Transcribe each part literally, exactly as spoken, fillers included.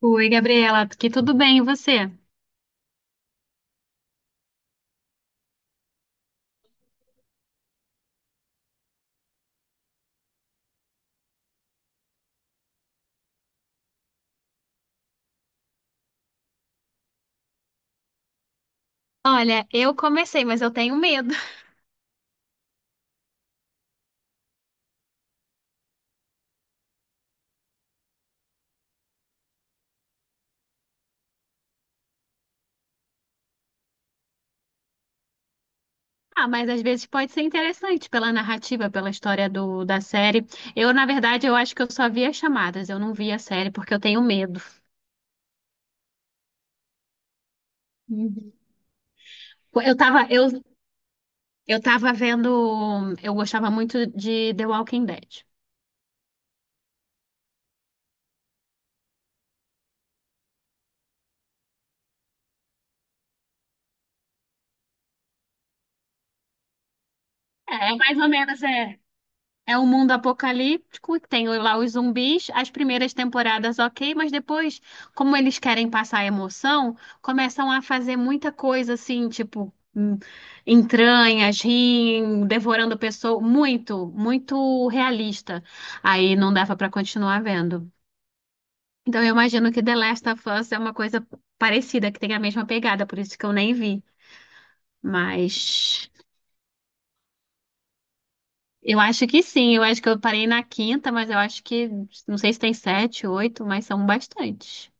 Oi, Gabriela, que tudo bem, e você? Olha, eu comecei, mas eu tenho medo. Ah, mas às vezes pode ser interessante pela narrativa, pela história do, da série. Eu, na verdade, eu acho que eu só vi as chamadas, eu não vi a série porque eu tenho medo. Uhum. Eu tava, eu, eu tava vendo, eu gostava muito de The Walking Dead. É, mais ou menos, é. É um mundo apocalíptico, tem lá os zumbis, as primeiras temporadas ok, mas depois, como eles querem passar emoção, começam a fazer muita coisa assim, tipo hum, entranhas, riem, devorando pessoas, muito, muito realista. Aí não dava pra continuar vendo. Então eu imagino que The Last of Us é uma coisa parecida, que tem a mesma pegada, por isso que eu nem vi. Mas eu acho que sim, eu acho que eu parei na quinta, mas eu acho que, não sei se tem sete, oito, mas são bastantes.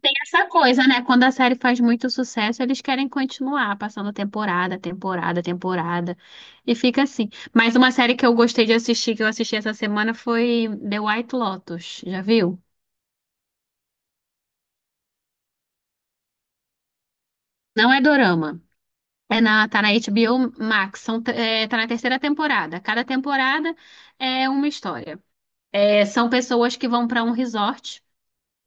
Tem essa coisa, né? Quando a série faz muito sucesso, eles querem continuar passando temporada, temporada, temporada. E fica assim. Mas uma série que eu gostei de assistir, que eu assisti essa semana, foi The White Lotus. Já viu? Não é dorama. É na, tá na H B O Max. São, te- é, tá na terceira temporada. Cada temporada é uma história. É, são pessoas que vão para um resort.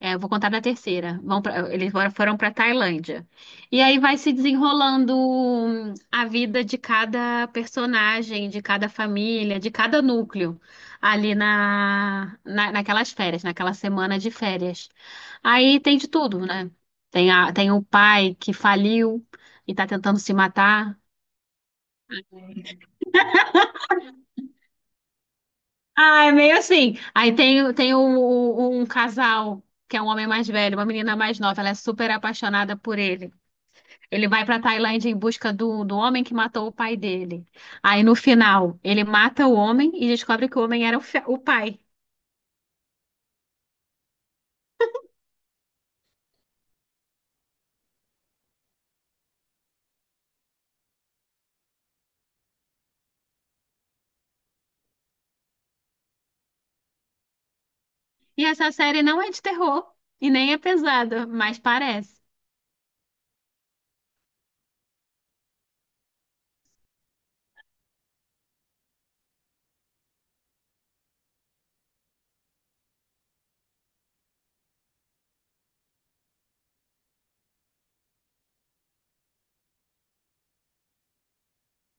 É, eu vou contar da terceira. Vão pra- eles foram foram para Tailândia. E aí vai se desenrolando hum, a vida de cada personagem, de cada família, de cada núcleo ali na, na- naquelas férias, naquela semana de férias. Aí tem de tudo, né? Tem, a, tem o pai que faliu e tá tentando se matar. Ah, é meio assim. Aí tem, tem o- o- um casal, que é um homem mais velho, uma menina mais nova, ela é super apaixonada por ele. Ele vai para Tailândia em busca do, do homem que matou o pai dele. Aí no final, ele mata o homem e descobre que o homem era o, fi- o pai. E essa série não é de terror e nem é pesada, mas parece.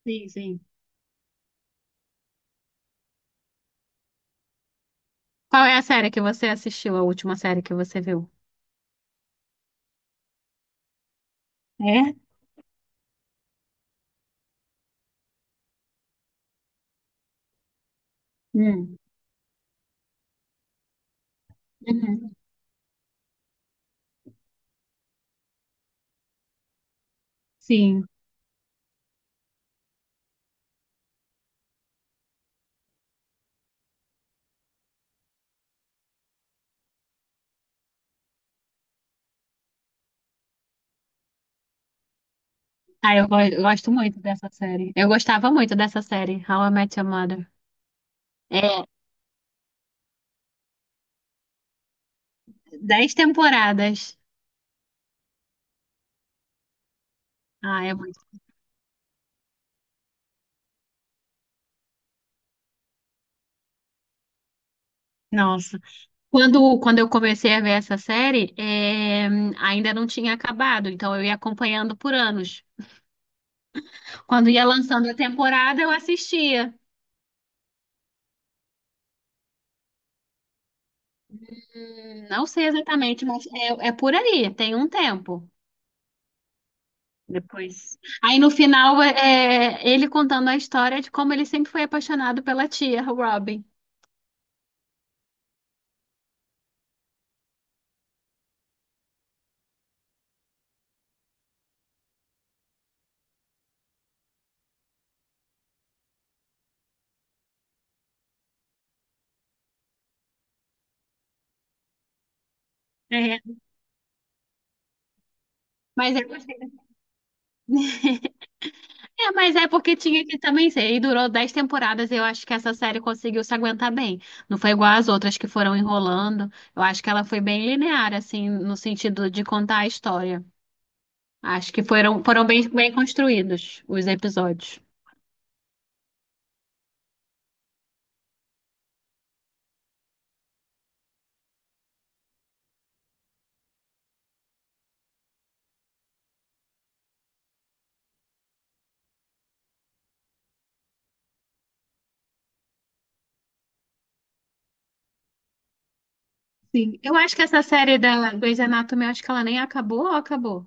Sim, sim. Qual é a série que você assistiu, a última série que você viu? É? Hum. Uhum. Sim. Ah, eu, go- eu gosto muito dessa série. Eu gostava muito dessa série, How I Met Your Mother. É, dez temporadas. Ah, é muito. Nossa. Quando, quando eu comecei a ver essa série, eh, ainda não tinha acabado, então eu ia acompanhando por anos. Quando ia lançando a temporada, eu assistia. Hum, Não sei exatamente, mas é, é por aí, tem um tempo depois. Aí no final, é, é, ele contando a história de como ele sempre foi apaixonado pela tia, Robin. É. Mas é, É, mas é porque tinha que também ser. E durou dez temporadas. E Eu acho que essa série conseguiu se aguentar bem. Não foi igual às outras que foram enrolando. Eu acho que ela foi bem linear, assim, no sentido de contar a história. Acho que foram, foram bem, bem construídos os episódios. Sim. Eu acho que essa série da Grey's Anatomy, eu acho que ela nem acabou ou acabou?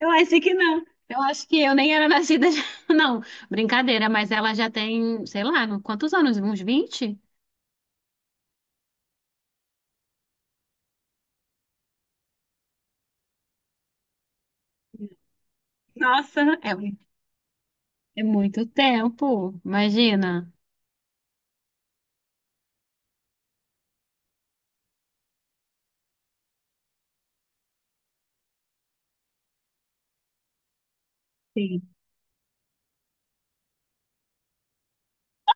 Eu acho que não. Eu acho que eu nem era nascida. Já- Não, brincadeira, mas ela já tem, sei lá, quantos anos? Uns vinte? Nossa, é, é muito tempo, imagina. Sim.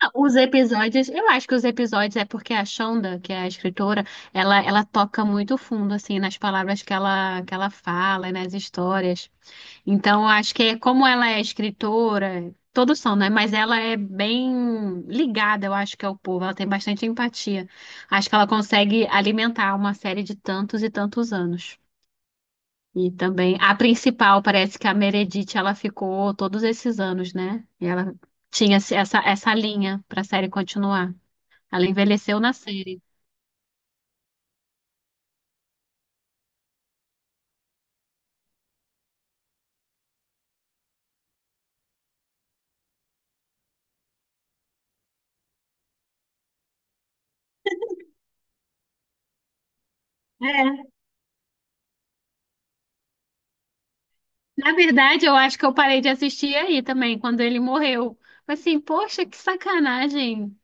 Ah, os episódios, eu acho que os episódios é porque a Shonda, que é a escritora, ela, ela toca muito fundo, assim, nas palavras que ela, que ela fala, e nas histórias. Então, eu acho que é como ela é escritora, todos são, né? Mas ela é bem ligada, eu acho que ao povo, ela tem bastante empatia. Acho que ela consegue alimentar uma série de tantos e tantos anos. E também a principal, parece que a Meredith, ela ficou todos esses anos, né? E ela tinha esse- essa, essa linha para a série continuar. Ela envelheceu na série. É, na verdade, eu acho que eu parei de assistir aí também, quando ele morreu. Mas assim, poxa, que sacanagem.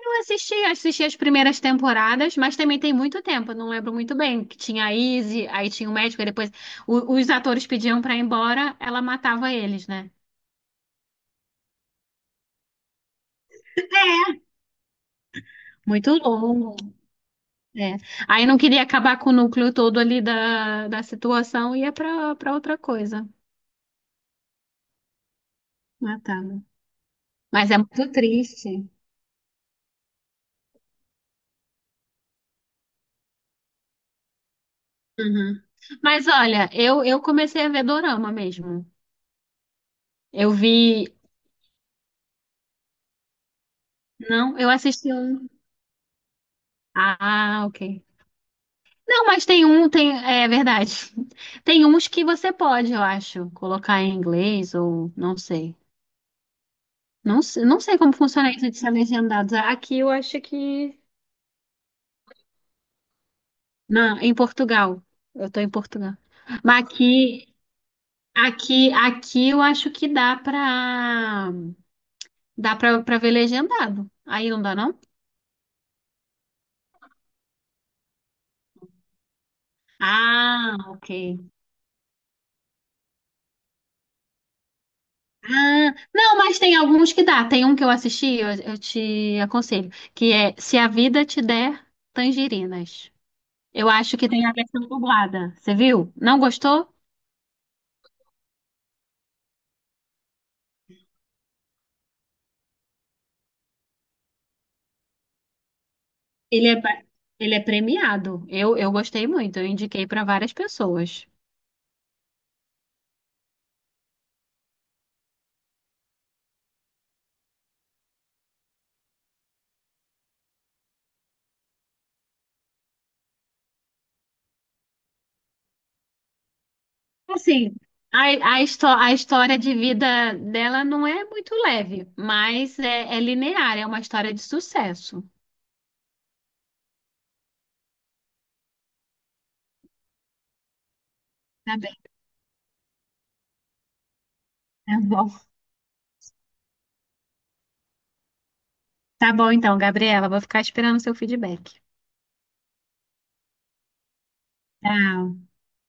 Eu assisti, assisti as primeiras temporadas, mas também tem muito tempo, eu não lembro muito bem. Que tinha a Izzy, aí tinha o médico, e depois o- os atores pediam pra ir embora, ela matava eles, né? Muito longo. É. Aí não queria acabar com o núcleo todo ali da, da situação, ia para para outra coisa. Ah, tá. Mas é muito triste. Uhum. Mas olha, eu, eu comecei a ver dorama mesmo. Eu vi. Não, eu assisti um. Ah, ok. Não, mas tem um, tem. É verdade. Tem uns que você pode, eu acho, colocar em inglês ou não sei. Não, se- não sei como funciona isso de ser legendados. Aqui eu acho que não, em Portugal. Eu tô em Portugal. Mas aqui, aqui, aqui eu acho que dá pra, dá pra, pra ver legendado. Aí não dá, não? Ah, ok. Ah, não, mas tem alguns que dá. Tem um que eu assisti, eu, eu te aconselho, que é Se a Vida Te Der Tangerinas. Eu acho que tem a versão dublada. Você viu? Não gostou? Ele é, pa- ele é premiado. Eu, eu gostei muito. Eu indiquei para várias pessoas. Assim, a, a, histó a história de vida dela não é muito leve, mas é, é linear, é uma história de sucesso. Tá bem, tá bom. Tá bom então, Gabriela, vou ficar esperando o seu feedback. Tchau.